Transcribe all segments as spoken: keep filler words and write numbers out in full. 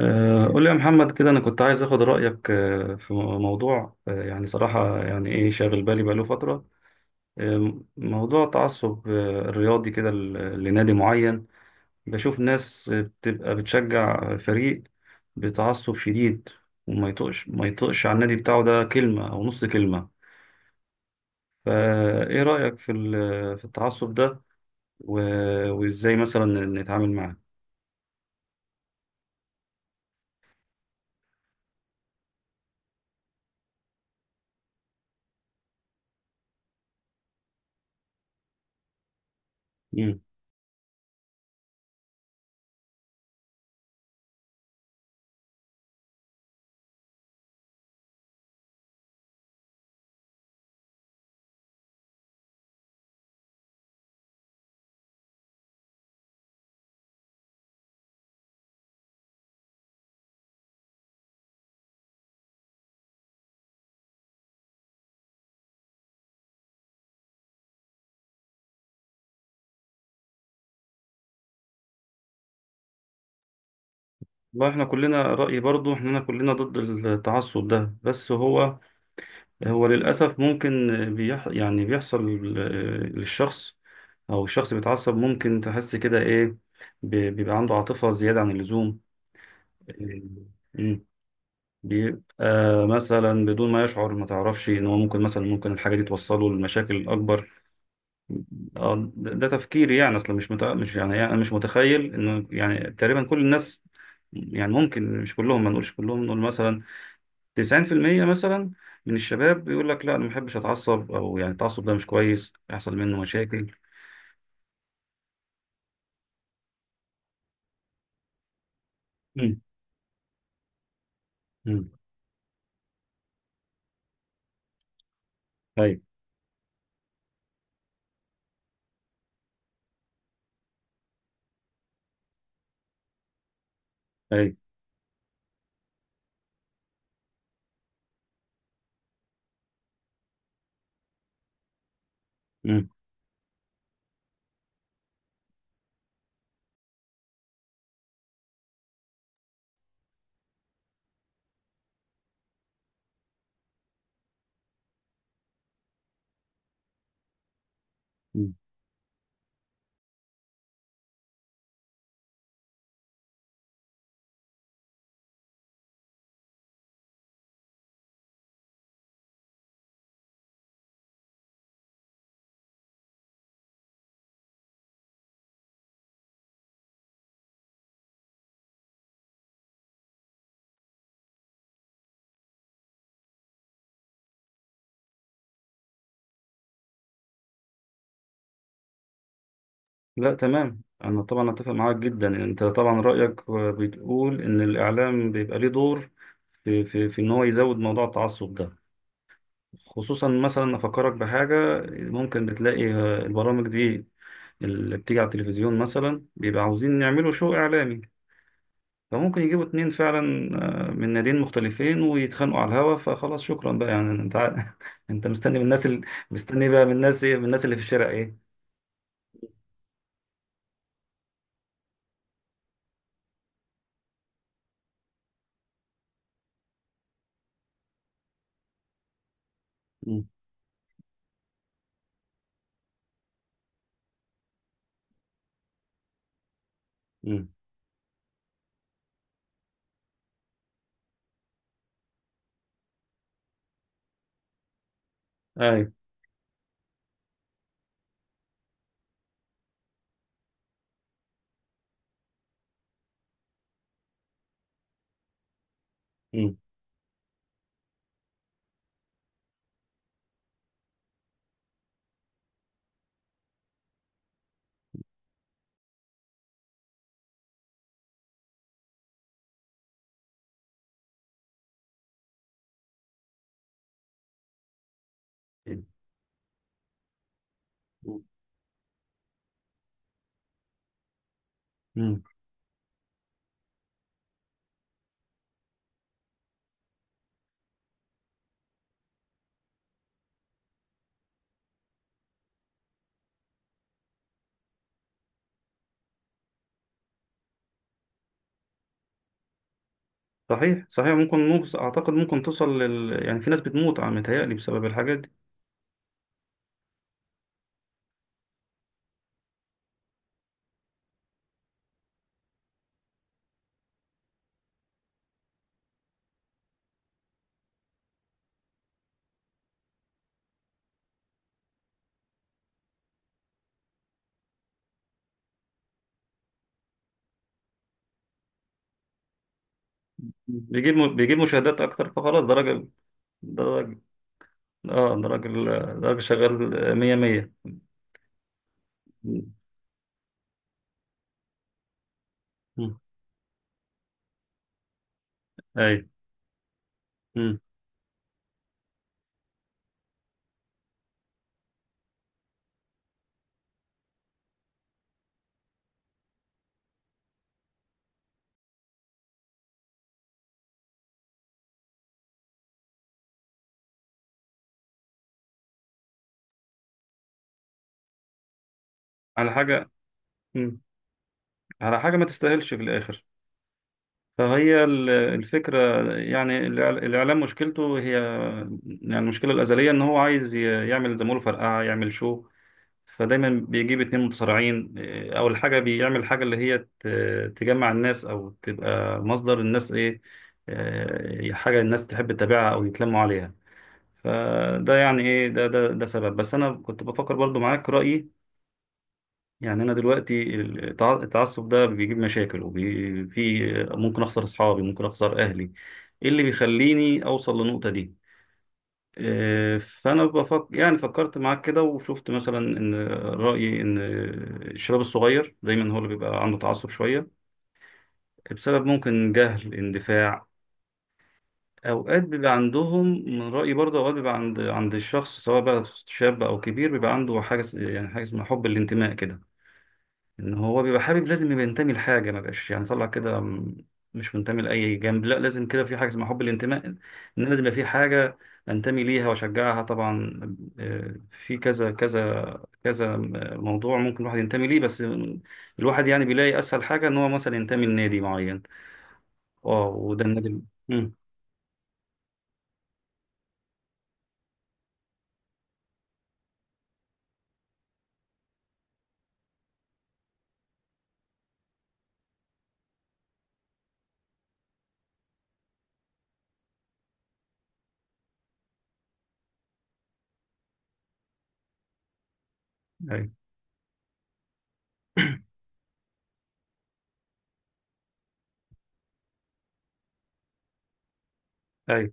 آه، قول لي يا محمد كده، أنا كنت عايز أخد رأيك آه، في موضوع. آه، يعني صراحة، يعني إيه شاغل بالي بقاله فترة. آه، موضوع تعصب آه، الرياضي كده ل- لنادي معين. بشوف ناس آه، بتبقى بتشجع فريق بتعصب شديد، وما يطقش ما يطقش على النادي بتاعه ده كلمة أو نص كلمة. فإيه رأيك في ال- في التعصب ده؟ و- وإزاي مثلا نتعامل معاه؟ مم. والله احنا كلنا رأيي، برضو احنا كلنا ضد التعصب ده. بس هو هو للأسف ممكن بيح يعني بيحصل ل- للشخص. أو الشخص بيتعصب ممكن تحس كده إيه، بي- بيبقى عنده عاطفة زيادة عن اللزوم. مم. بيبقى مثلا بدون ما يشعر، ما تعرفش إن هو ممكن مثلا ممكن الحاجة دي توصله لمشاكل أكبر. آه، ده ده تفكيري، يعني أصلا مش متع... مش، يعني يعني أنا مش متخيل إنه يعني تقريبا كل الناس، يعني ممكن مش كلهم، ما نقولش كلهم، نقول مثلا تسعين في المية مثلا من الشباب بيقول لك لا انا ما بحبش اتعصب، او يعني التعصب ده مش كويس يحصل منه مشاكل. امم امم ايوه، ايوه. امم أمم. لا تمام، انا طبعا اتفق معاك جدا. انت طبعا رايك بتقول ان الاعلام بيبقى ليه دور في في في ان هو يزود موضوع التعصب ده. خصوصا مثلا افكرك بحاجه، ممكن بتلاقي آه، البرامج دي اللي بتيجي على التلفزيون مثلا، بيبقى عاوزين يعملوا شو اعلامي. فممكن يجيبوا اتنين فعلا آه، من ناديين مختلفين، ويتخانقوا على الهوا. فخلاص، شكرا بقى، يعني انت ع- انت مستني من الناس ال... مستني بقى من الناس ايه، من الناس اللي في الشارع ايه. امم امم اي. امم امم صحيح صحيح، ممكن ممكن اعتقد ممكن توصل لل... يعني في ناس بتموت، عم متهيألي، بسبب الحاجات دي. مم. بيجيب م... بيجيب مشاهدات اكتر، فخلاص ده راجل. ده راجل، اه ده راجل، آه، ده راجل شغال، آه، مية مية. امم اي. امم على حاجة. امم على حاجة ما تستاهلش في الاخر. فهي ال- الفكرة، يعني الإع- الإعلام مشكلته هي، يعني المشكلة الأزلية إن هو عايز ي- يعمل زي ما بيقولوا فرقعة، يعمل شو. فدايما بيجيب اتنين متصارعين. إيه، أول حاجة بيعمل حاجة اللي هي ت- تجمع الناس أو تبقى مصدر الناس، إيه، إيه حاجة الناس تحب تتابعها أو يتلموا عليها. فده يعني إيه، ده ده ده سبب. بس أنا كنت بفكر برضو معاك رأيي، يعني انا دلوقتي التع- التعصب ده بيجيب مشاكل، وفي في ممكن اخسر اصحابي، ممكن اخسر اهلي. ايه اللي بيخليني اوصل للنقطة دي؟ آه، فانا بفكر، يعني فكرت معاك كده، وشفت مثلا ان رايي ان الشباب الصغير دايما هو اللي بيبقى عنده تعصب شوية، بسبب ممكن جهل، اندفاع. اوقات بيبقى عندهم، من رايي برضه اوقات بيبقى عند عند الشخص، سواء بقى شاب او كبير، بيبقى عنده حاجه س- يعني حاجه اسمها حب الانتماء كده. ان هو بيبقى حابب لازم يبقى ينتمي لحاجه، ما بقاش يعني طلع كده م- مش منتمي لاي جنب. لا، لازم كده في حاجه اسمها حب الانتماء، ان أنا لازم يبقى في حاجه انتمي ليها واشجعها طبعا. آه، في كذا، كذا، كذا موضوع ممكن الواحد ينتمي ليه. بس الواحد يعني بيلاقي اسهل حاجه ان هو مثلا ينتمي لنادي معين. اه، وده النادي ال- مم. ايوه، ايوه.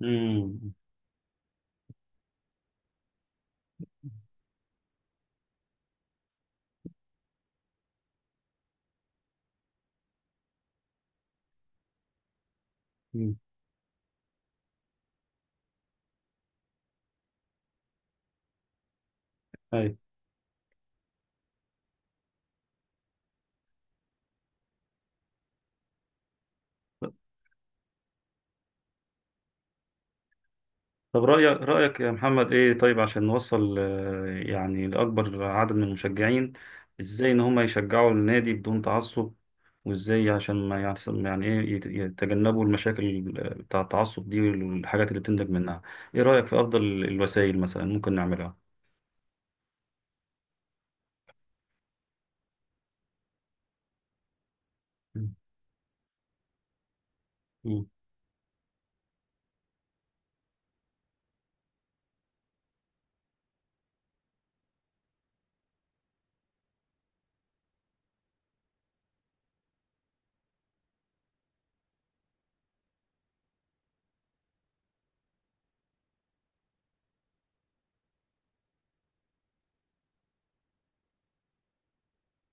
مم. مم. ايوه. طب رأيك رأيك يا محمد إيه؟ طيب عشان نوصل آه، يعني لأكبر عدد من المشجعين، إزاي إن هم يشجعوا النادي بدون تعصب؟ وإزاي عشان ما يعصب، يعني إيه، يت- يتجنبوا المشاكل آه، بتاع التعصب دي والحاجات اللي بتنتج منها. إيه رأيك في أفضل الوسائل مثلا ممكن نعملها؟ مم. مم.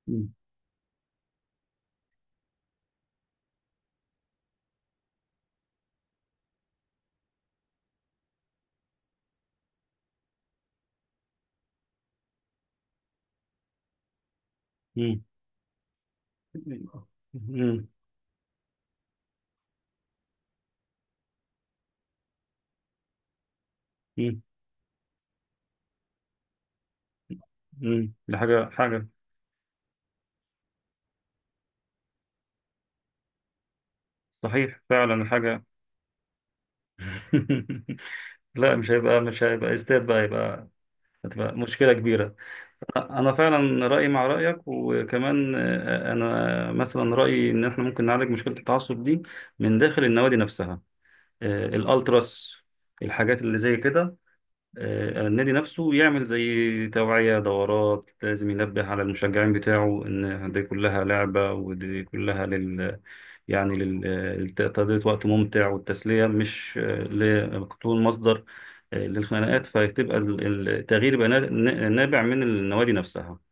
مم. مم. مم. مم. ده حاجة، حاجة. صحيح فعلا، حاجة. لا، مش هيبقى، مش هيبقى استاد بقى، هيبقى هتبقى مشكلة كبيرة. انا فعلا رايي مع رايك، وكمان آه، انا مثلا رايي ان احنا ممكن نعالج مشكله التعصب دي من داخل النوادي نفسها. آه، الالتراس، الحاجات اللي زي كده، آه، النادي نفسه يعمل زي توعيه، دورات، لازم ينبه على المشجعين بتاعه ان دي كلها لعبه، ودي كلها لل يعني لل- آه، لتقضية وقت ممتع والتسليه، مش آه، ل- تكون مصدر آه، للخناقات. فتبقى ال- التغيير يبقى نا- نابع من النوادي نفسها.